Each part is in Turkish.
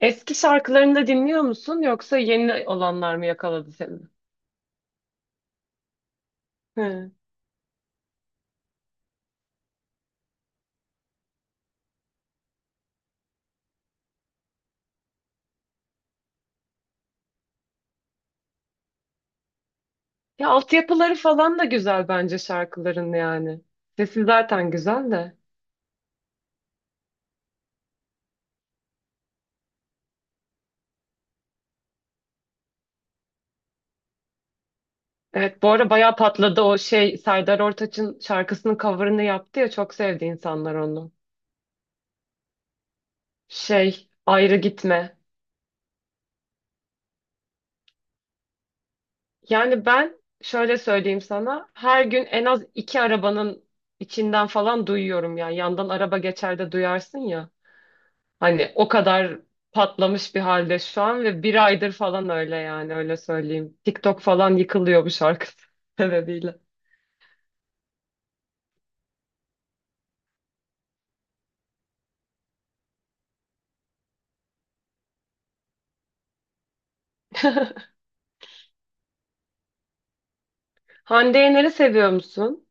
Eski şarkılarını da dinliyor musun yoksa yeni olanlar mı yakaladı seni? He. Ya altyapıları falan da güzel bence şarkıların yani. Sesi zaten güzel de. Evet, bu ara bayağı patladı o şey, Serdar Ortaç'ın şarkısının cover'ını yaptı ya, çok sevdi insanlar onu. Şey, ayrı gitme. Yani ben şöyle söyleyeyim sana, her gün en az iki arabanın içinden falan duyuyorum, yani yandan araba geçer de duyarsın ya. Hani o kadar patlamış bir halde şu an ve bir aydır falan öyle, yani öyle söyleyeyim. TikTok falan yıkılıyor bu şarkı sebebiyle. Hande Yener'i seviyor musun?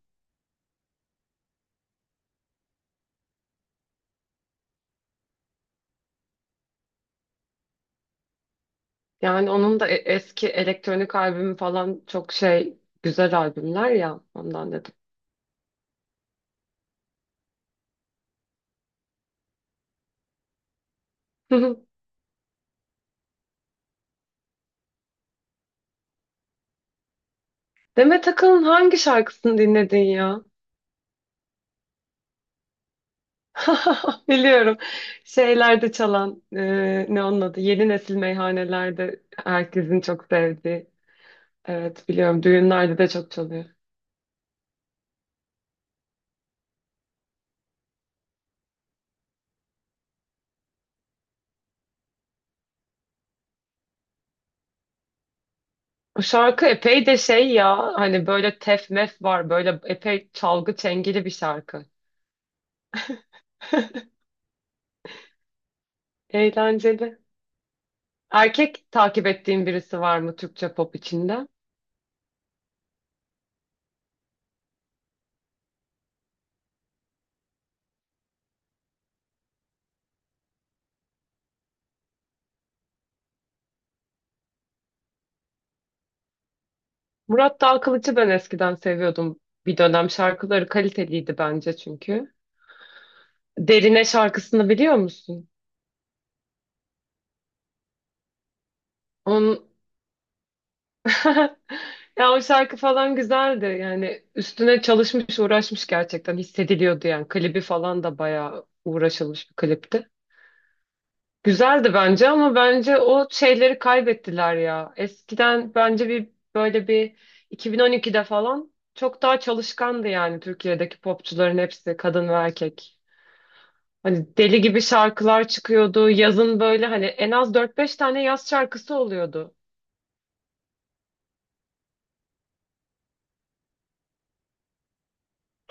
Yani onun da eski elektronik albümü falan çok şey, güzel albümler ya, ondan dedim. Demet Akalın hangi şarkısını dinledin ya? Biliyorum. Şeylerde çalan, ne onun adı? Yeni nesil meyhanelerde herkesin çok sevdiği. Evet, biliyorum. Düğünlerde de çok çalıyor. Bu şarkı epey de şey ya, hani böyle tef mef var, böyle epey çalgı çengeli bir şarkı. Eğlenceli. Erkek takip ettiğin birisi var mı Türkçe pop içinde? Murat Dağkılıç'ı ben eskiden seviyordum bir dönem. Şarkıları kaliteliydi bence çünkü. Derine şarkısını biliyor musun? Onun, ya o şarkı falan güzeldi. Yani üstüne çalışmış, uğraşmış gerçekten. Hissediliyordu yani. Klibi falan da bayağı uğraşılmış bir klipti. Güzeldi bence, ama bence o şeyleri kaybettiler ya. Eskiden bence bir böyle bir 2012'de falan çok daha çalışkandı, yani Türkiye'deki popçuların hepsi, kadın ve erkek. Hani deli gibi şarkılar çıkıyordu. Yazın böyle hani en az dört beş tane yaz şarkısı oluyordu.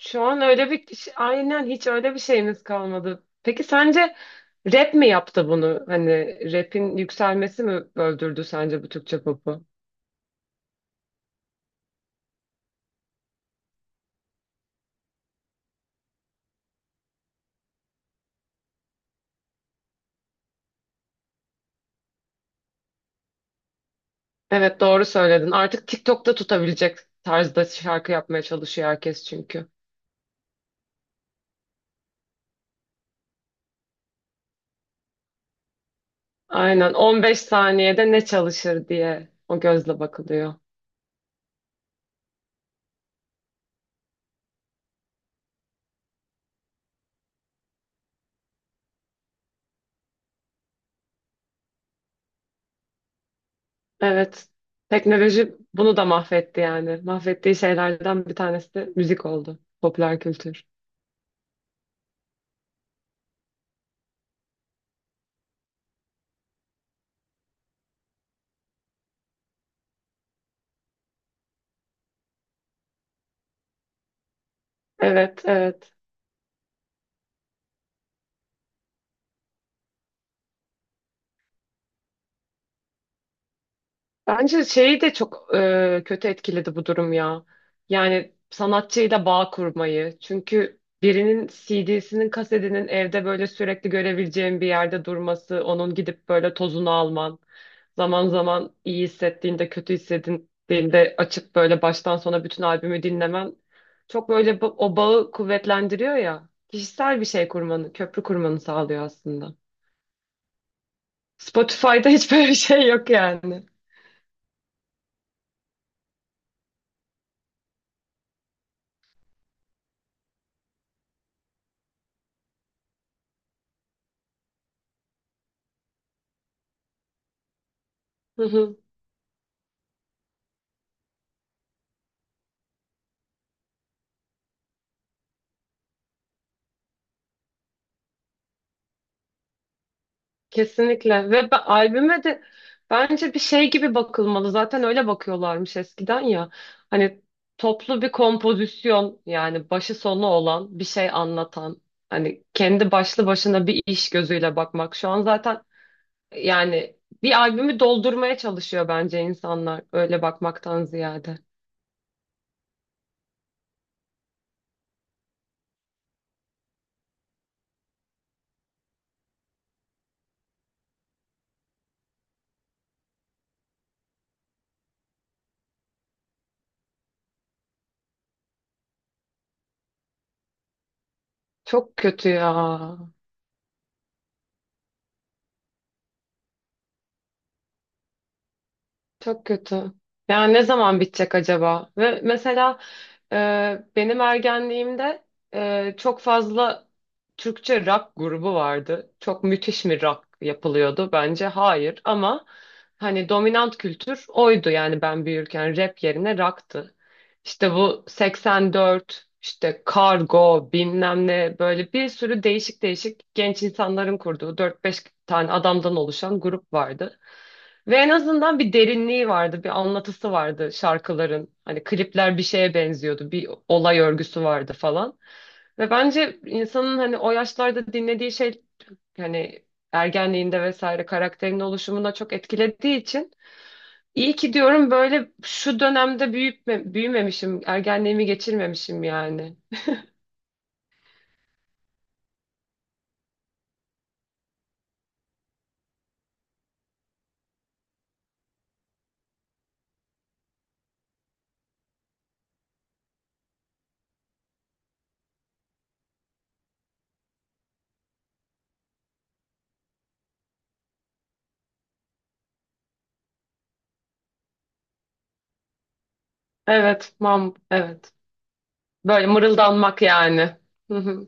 Şu an öyle bir kişi, aynen hiç öyle bir şeyimiz kalmadı. Peki sence rap mi yaptı bunu? Hani rap'in yükselmesi mi öldürdü sence bu Türkçe popu? Evet, doğru söyledin. Artık TikTok'ta tutabilecek tarzda şarkı yapmaya çalışıyor herkes çünkü. Aynen, 15 saniyede ne çalışır diye o gözle bakılıyor. Evet. Teknoloji bunu da mahvetti yani. Mahvettiği şeylerden bir tanesi de müzik oldu. Popüler kültür. Evet, evet. Bence şeyi de çok kötü etkiledi bu durum ya. Yani sanatçıyla bağ kurmayı. Çünkü birinin CD'sinin, kasetinin evde böyle sürekli görebileceğin bir yerde durması, onun gidip böyle tozunu alman, zaman zaman iyi hissettiğinde, kötü hissettiğinde açıp böyle baştan sona bütün albümü dinlemen çok böyle o bağı kuvvetlendiriyor ya. Kişisel bir şey kurmanı, köprü kurmanı sağlıyor aslında. Spotify'da hiç böyle bir şey yok yani. Hı hı, kesinlikle. Albüme de bence bir şey gibi bakılmalı, zaten öyle bakıyorlarmış eskiden ya, hani toplu bir kompozisyon, yani başı sonu olan bir şey anlatan, hani kendi başlı başına bir iş gözüyle bakmak şu an zaten, yani bir albümü doldurmaya çalışıyor bence insanlar öyle bakmaktan ziyade. Çok kötü ya. Çok kötü. Yani ne zaman bitecek acaba? Ve mesela benim ergenliğimde çok fazla Türkçe rock grubu vardı. Çok müthiş mi rock yapılıyordu? Bence hayır, ama hani dominant kültür oydu, yani ben büyürken rap yerine rock'tı. İşte bu 84, işte Kargo, bilmem ne, böyle bir sürü değişik değişik genç insanların kurduğu 4-5 tane adamdan oluşan grup vardı. Ve en azından bir derinliği vardı, bir anlatısı vardı şarkıların. Hani klipler bir şeye benziyordu, bir olay örgüsü vardı falan. Ve bence insanın hani o yaşlarda dinlediği şey, hani ergenliğinde vesaire karakterin oluşumuna çok etkilediği için iyi ki diyorum böyle şu dönemde büyütme, büyümemişim, ergenliğimi geçirmemişim yani. Evet, mam, evet. Böyle mırıldanmak yani. Hı hı.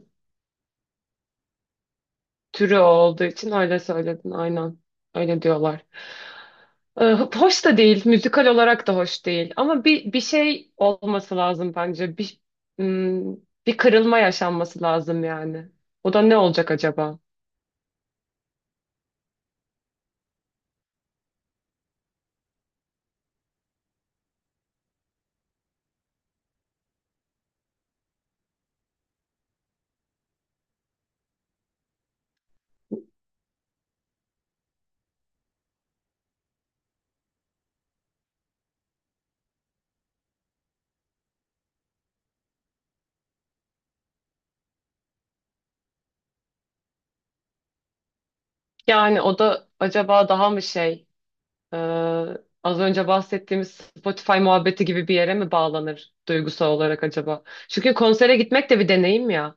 Türü o olduğu için öyle söyledin, aynen. Öyle diyorlar. Hoş da değil, müzikal olarak da hoş değil. Ama bir şey olması lazım bence. Bir hmm, bir kırılma yaşanması lazım yani. O da ne olacak acaba? Yani o da acaba daha mı şey? Ee, az önce bahsettiğimiz Spotify muhabbeti gibi bir yere mi bağlanır duygusal olarak acaba? Çünkü konsere gitmek de bir deneyim ya.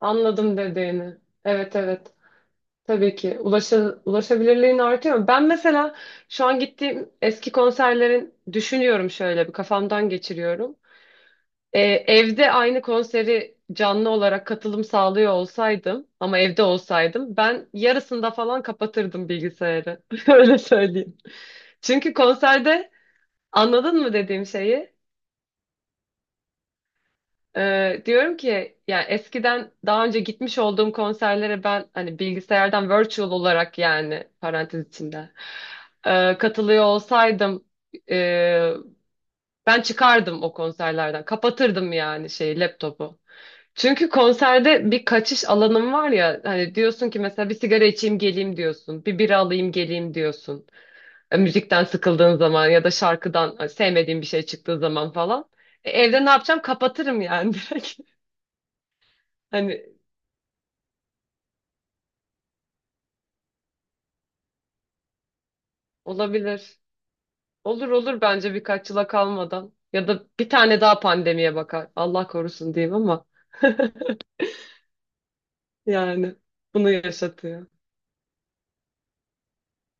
Anladım dediğini. Evet, evet. Tabii ki. Ulaşabilirliğin artıyor. Ben mesela şu an gittiğim eski konserlerin düşünüyorum, şöyle bir kafamdan geçiriyorum. Ee, evde aynı konseri canlı olarak katılım sağlıyor olsaydım ama evde olsaydım, ben yarısında falan kapatırdım bilgisayarı. Öyle söyleyeyim. Çünkü konserde, anladın mı dediğim şeyi? Diyorum ki yani eskiden daha önce gitmiş olduğum konserlere ben hani bilgisayardan virtual olarak, yani parantez içinde, katılıyor olsaydım, e, ben çıkardım o konserlerden. Kapatırdım yani şeyi, laptopu. Çünkü konserde bir kaçış alanım var ya, hani diyorsun ki mesela bir sigara içeyim geleyim diyorsun. Bir bira alayım geleyim diyorsun. Müzikten sıkıldığın zaman ya da şarkıdan sevmediğim bir şey çıktığı zaman falan. Evde ne yapacağım? Kapatırım yani direkt. Hani olabilir. Olur olur bence, birkaç yıla kalmadan. Ya da bir tane daha pandemiye bakar. Allah korusun diyeyim ama yani bunu yaşatıyor.